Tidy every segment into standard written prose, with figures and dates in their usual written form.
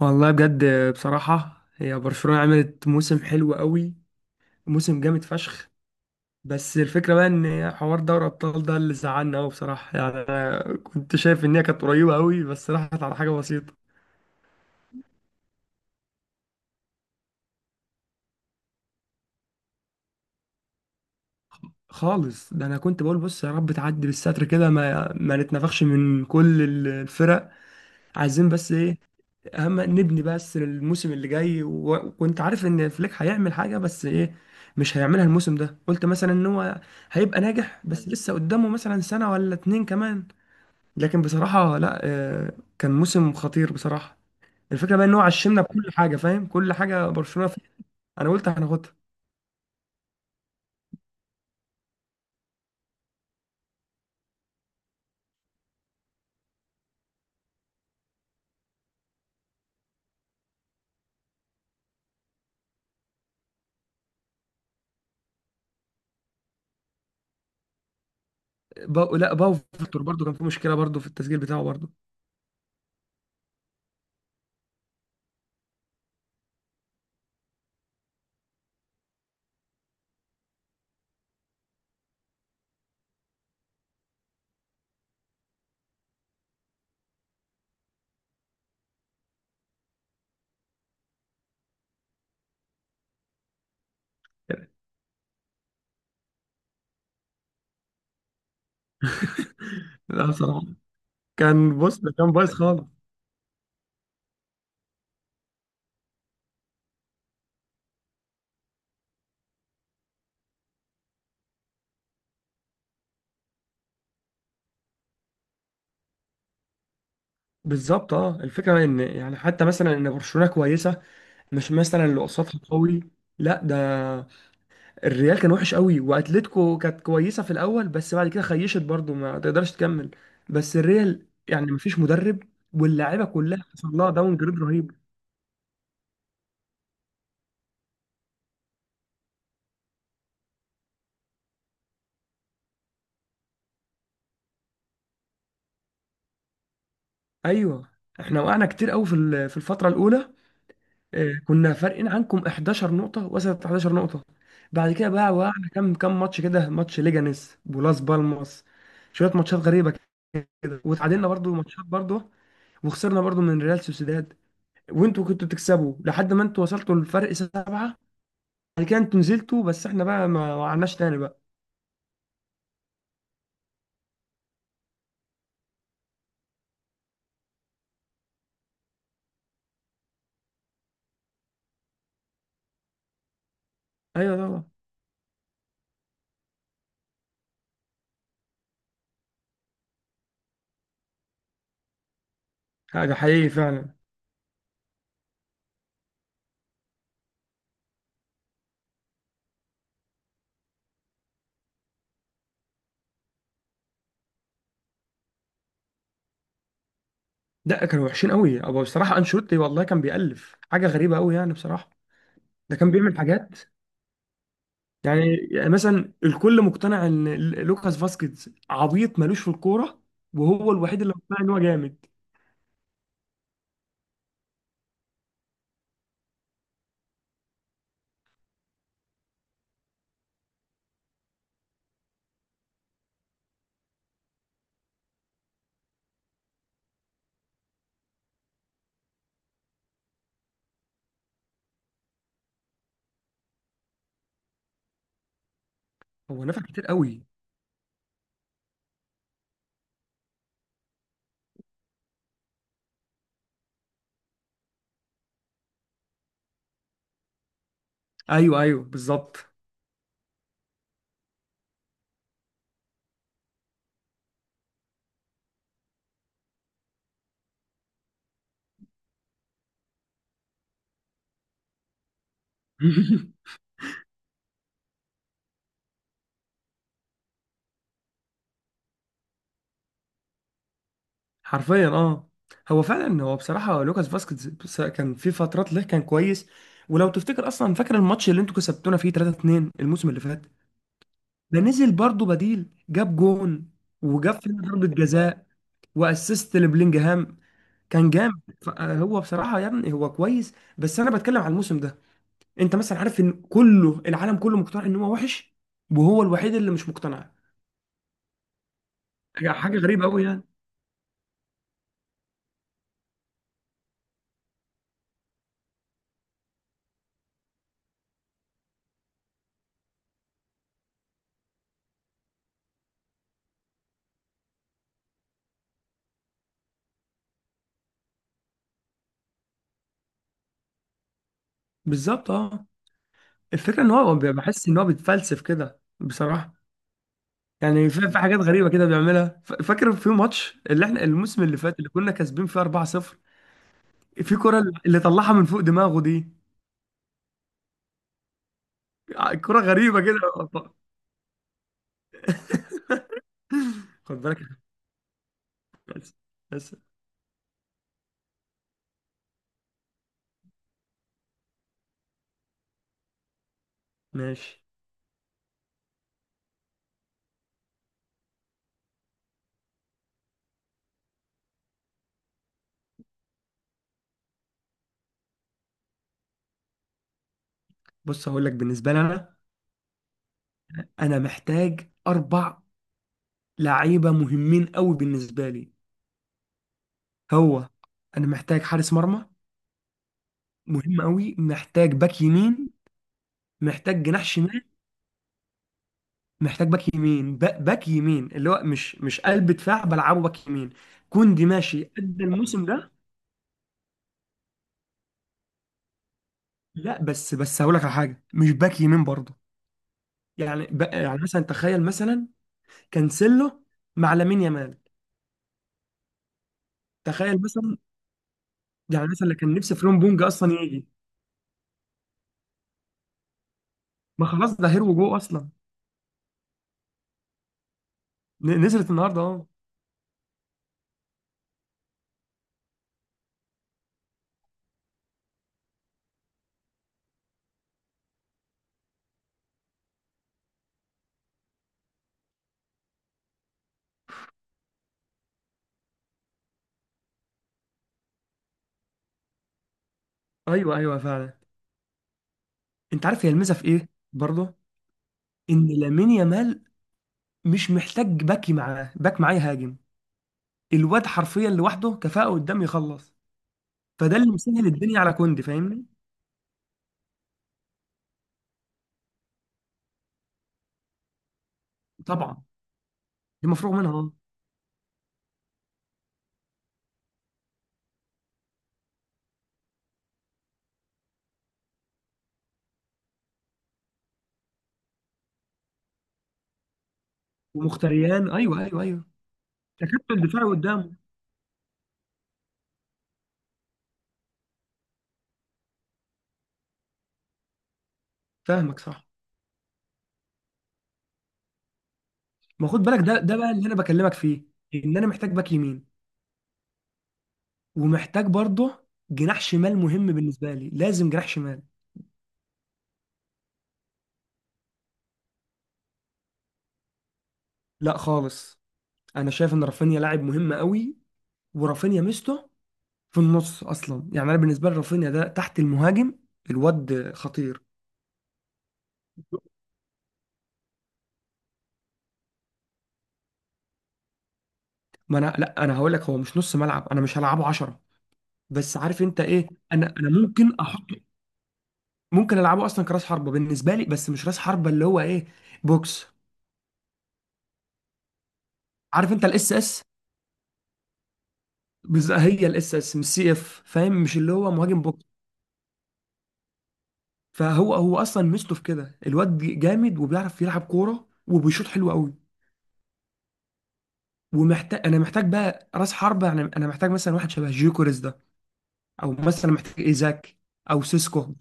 والله بجد. بصراحة، هي برشلونة عملت موسم حلو قوي، موسم جامد فشخ. بس الفكرة بقى ان حوار دوري ابطال ده اللي زعلنا قوي بصراحة يعني. أنا كنت شايف ان هي كانت قريبة قوي بس راحت على حاجة بسيطة خالص. ده انا كنت بقول بص يا رب تعدي بالستر كده ما نتنفخش من كل الفرق. عايزين بس ايه؟ اهم نبني بس للموسم اللي جاي، و- وكنت عارف ان فليك هيعمل حاجه، بس ايه، مش هيعملها الموسم ده. قلت مثلا ان هو هيبقى ناجح بس لسه قدامه مثلا سنه ولا اتنين كمان. لكن بصراحه لا، كان موسم خطير بصراحه. الفكره بقى ان هو عشمنا بكل حاجه، فاهم؟ كل حاجه برشلونه فيها انا قلت هناخدها. لا، باو فيكتور برضو كان في مشكله برضو في التسجيل بتاعه برضو. لا بصراحه، كان بص، ده كان بايظ خالص. بالظبط، الفكره ان يعني حتى مثلا ان برشلونه كويسه، مش مثلا اللي قصادها قوي. لا ده، الريال كان وحش قوي، واتلتيكو كانت كويسه في الاول بس بعد كده خيشت برضو، ما تقدرش تكمل. بس الريال يعني مفيش مدرب، واللاعيبه كلها حصل لها داون جريد رهيب. ايوه، احنا وقعنا كتير قوي في الفتره الاولى. كنا فارقين عنكم 11 نقطه، وصلت 11 نقطه. بعد كده بقى وقعنا كام كام ماتش كده، ماتش ليجانيس ولاس بالماس، شويه ماتشات غريبه كده. وتعادلنا برضو ماتشات برضو، وخسرنا برضو من ريال سوسيداد. وانتوا كنتوا بتكسبوا لحد ما انتوا وصلتوا للفرق سبعة. بعد كده انتوا نزلتوا، بس احنا بقى ما وقعناش تاني بقى. ايوه طبعا. حاجة حقيقي فعلا. لا، كانوا وحشين قوي ابو، بصراحة انشيلوتي والله كان بيألف حاجة غريبة قوي يعني بصراحة. ده كان بيعمل حاجات يعني يعني مثلا الكل مقتنع ان لوكاس فاسكيز عبيط ملوش في الكورة، وهو الوحيد اللي مقتنع ان هو جامد. هو نفع كتير قوي. ايوه ايوه بالظبط. حرفيا اه. هو فعلا، هو بصراحة لوكاس فاسكيز كان في فترات له كان كويس. ولو تفتكر اصلا، فاكر الماتش اللي انتوا كسبتونا فيه 3-2 الموسم اللي فات؟ ده نزل برضه بديل، جاب جون وجاب فينا ضربة جزاء واسيست لبلينجهام، كان جامد. هو بصراحة يا ابني هو كويس، بس انا بتكلم على الموسم ده. انت مثلا عارف ان كله، العالم كله، مقتنع ان هو وحش وهو الوحيد اللي مش مقتنع. حاجة غريبة قوي يعني. بالظبط، الفكرة ان هو بحس ان هو بيتفلسف كده بصراحة. يعني في حاجات غريبه كده بيعملها. فاكر في ماتش اللي احنا الموسم اللي فات اللي كنا كاسبين فيه 4-0، في كرة اللي طلعها من فوق دماغه دي؟ كرة غريبه كده. خد بالك. بس بس ماشي. بص هقول لك بالنسبه لي، انا محتاج اربع لعيبه مهمين قوي بالنسبه لي. هو انا محتاج حارس مرمى مهم قوي، محتاج باك يمين، محتاج جناح شمال. محتاج باك يمين، باك يمين اللي هو مش قلب دفاع، بلعبه باك يمين. كوندي ماشي قد الموسم ده. لا بس هقول لك على حاجه، مش باك يمين برضه. يعني يعني مثلا تخيل مثلا كانسيلو مع لامين يامال. تخيل مثلا، يعني مثلا اللي كان نفسي فريمبونج اصلا يجي. ما خلاص، ده هيرو جو اصلا. نزلت النهارده اهو. ايوه ايوه فعلا. انت عارف هي الميزه في ايه برضه؟ ان لامين يامال مش محتاج باك معاه، باك معاه يهاجم. الواد حرفيا لوحده كفاءه قدام يخلص. فده اللي مسهل الدنيا على كوندي، فاهمني؟ طبعا دي مفروغ منها اه. ومختريان. ايوه ايوه ايوه، تكتل دفاعي قدامه. فاهمك صح. ما خد بالك، ده بقى اللي انا بكلمك فيه. ان انا محتاج باك يمين، ومحتاج برضه جناح شمال مهم بالنسبه لي، لازم جناح شمال. لا خالص، انا شايف ان رافينيا لاعب مهم قوي. ورافينيا ميزته في النص اصلا، يعني انا بالنسبه لي رافينيا ده تحت المهاجم، الواد خطير. ما انا لا، انا هقول لك هو مش نص ملعب، انا مش هلعبه 10. بس عارف انت ايه؟ انا ممكن احط، ممكن العبه اصلا كراس حربه بالنسبه لي، بس مش راس حربه اللي هو ايه، بوكس. عارف انت الاس اس؟ هي الاس اس مش سي اف، فاهم؟ مش اللي هو مهاجم بوكس. فهو اصلا ميزته في كده. الواد جامد وبيعرف يلعب كوره وبيشوط حلو قوي. ومحتاج، انا محتاج بقى راس حربه، يعني انا محتاج مثلا واحد شبه جيوكوريز ده، او مثلا محتاج ايزاك، او سيسكو.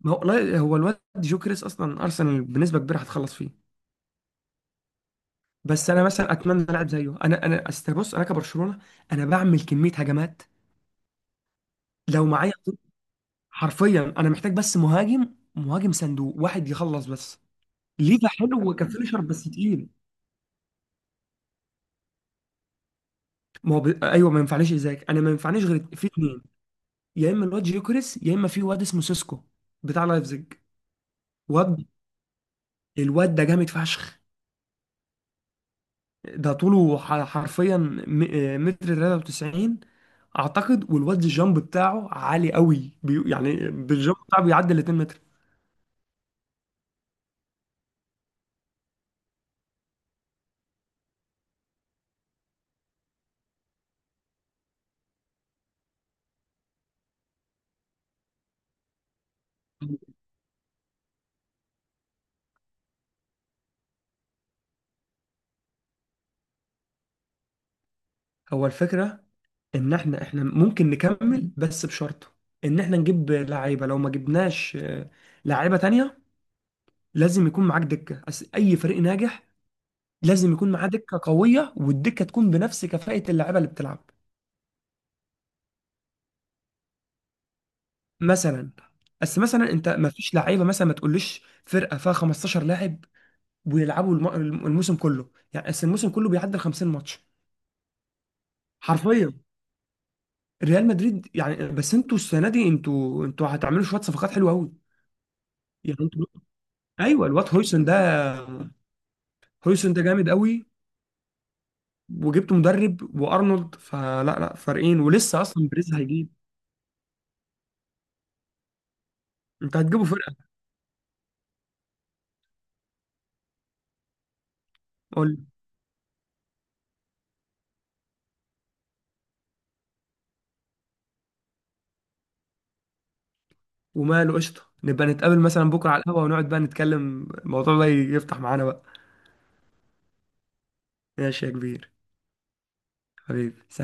ما هو هو الواد جيوكوريز اصلا ارسنال بنسبه كبيره هتخلص فيه. بس انا مثلا اتمنى لاعب زيه. انا أصل بص، انا كبرشلونه انا بعمل كميه هجمات لو معايا. حرفيا انا محتاج بس مهاجم، مهاجم صندوق واحد يخلص بس. ليفا حلو، كفينشر بس تقيل. ما هو ايوه، ما ينفعنيش ازاك، انا ما ينفعنيش غير في اتنين: يا اما الواد جيوكريس، يا اما في واد اسمه سيسكو بتاع لايفزيج. واد الواد ده جامد فشخ. ده طوله حرفيا م... آه، متر 93 اعتقد. والواد الجامب بتاعه عالي قوي، يعني بالجامب بتاعه بيعدي ال 2 متر. هو الفكرة ان احنا ممكن نكمل بس بشرط ان احنا نجيب لعيبه. لو ما جبناش، لعيبه تانية، لازم يكون معاك دكه. اي فريق ناجح لازم يكون معاه دكه قويه، والدكه تكون بنفس كفاءه اللعيبه اللي بتلعب. مثلا، بس مثلا انت، ما فيش لعيبه، مثلا ما تقوليش فرقه فيها 15 لاعب ويلعبوا الموسم كله، يعني بس الموسم كله بيعدي 50 ماتش. حرفيا ريال مدريد يعني. بس انتوا السنه دي انتوا هتعملوا شويه صفقات حلوه قوي. يعني انتوا، ايوه، الواد هويسن ده، هويسن ده جامد قوي. وجبت مدرب وارنولد، فلا لا فارقين، ولسه اصلا بريز هيجيب. انت هتجيبوا فرقه. قول لي. وماله، قشطه، نبقى نتقابل مثلا بكره على القهوه ونقعد بقى نتكلم. الموضوع ده يفتح معانا بقى. ماشي يا كبير. حبيبي.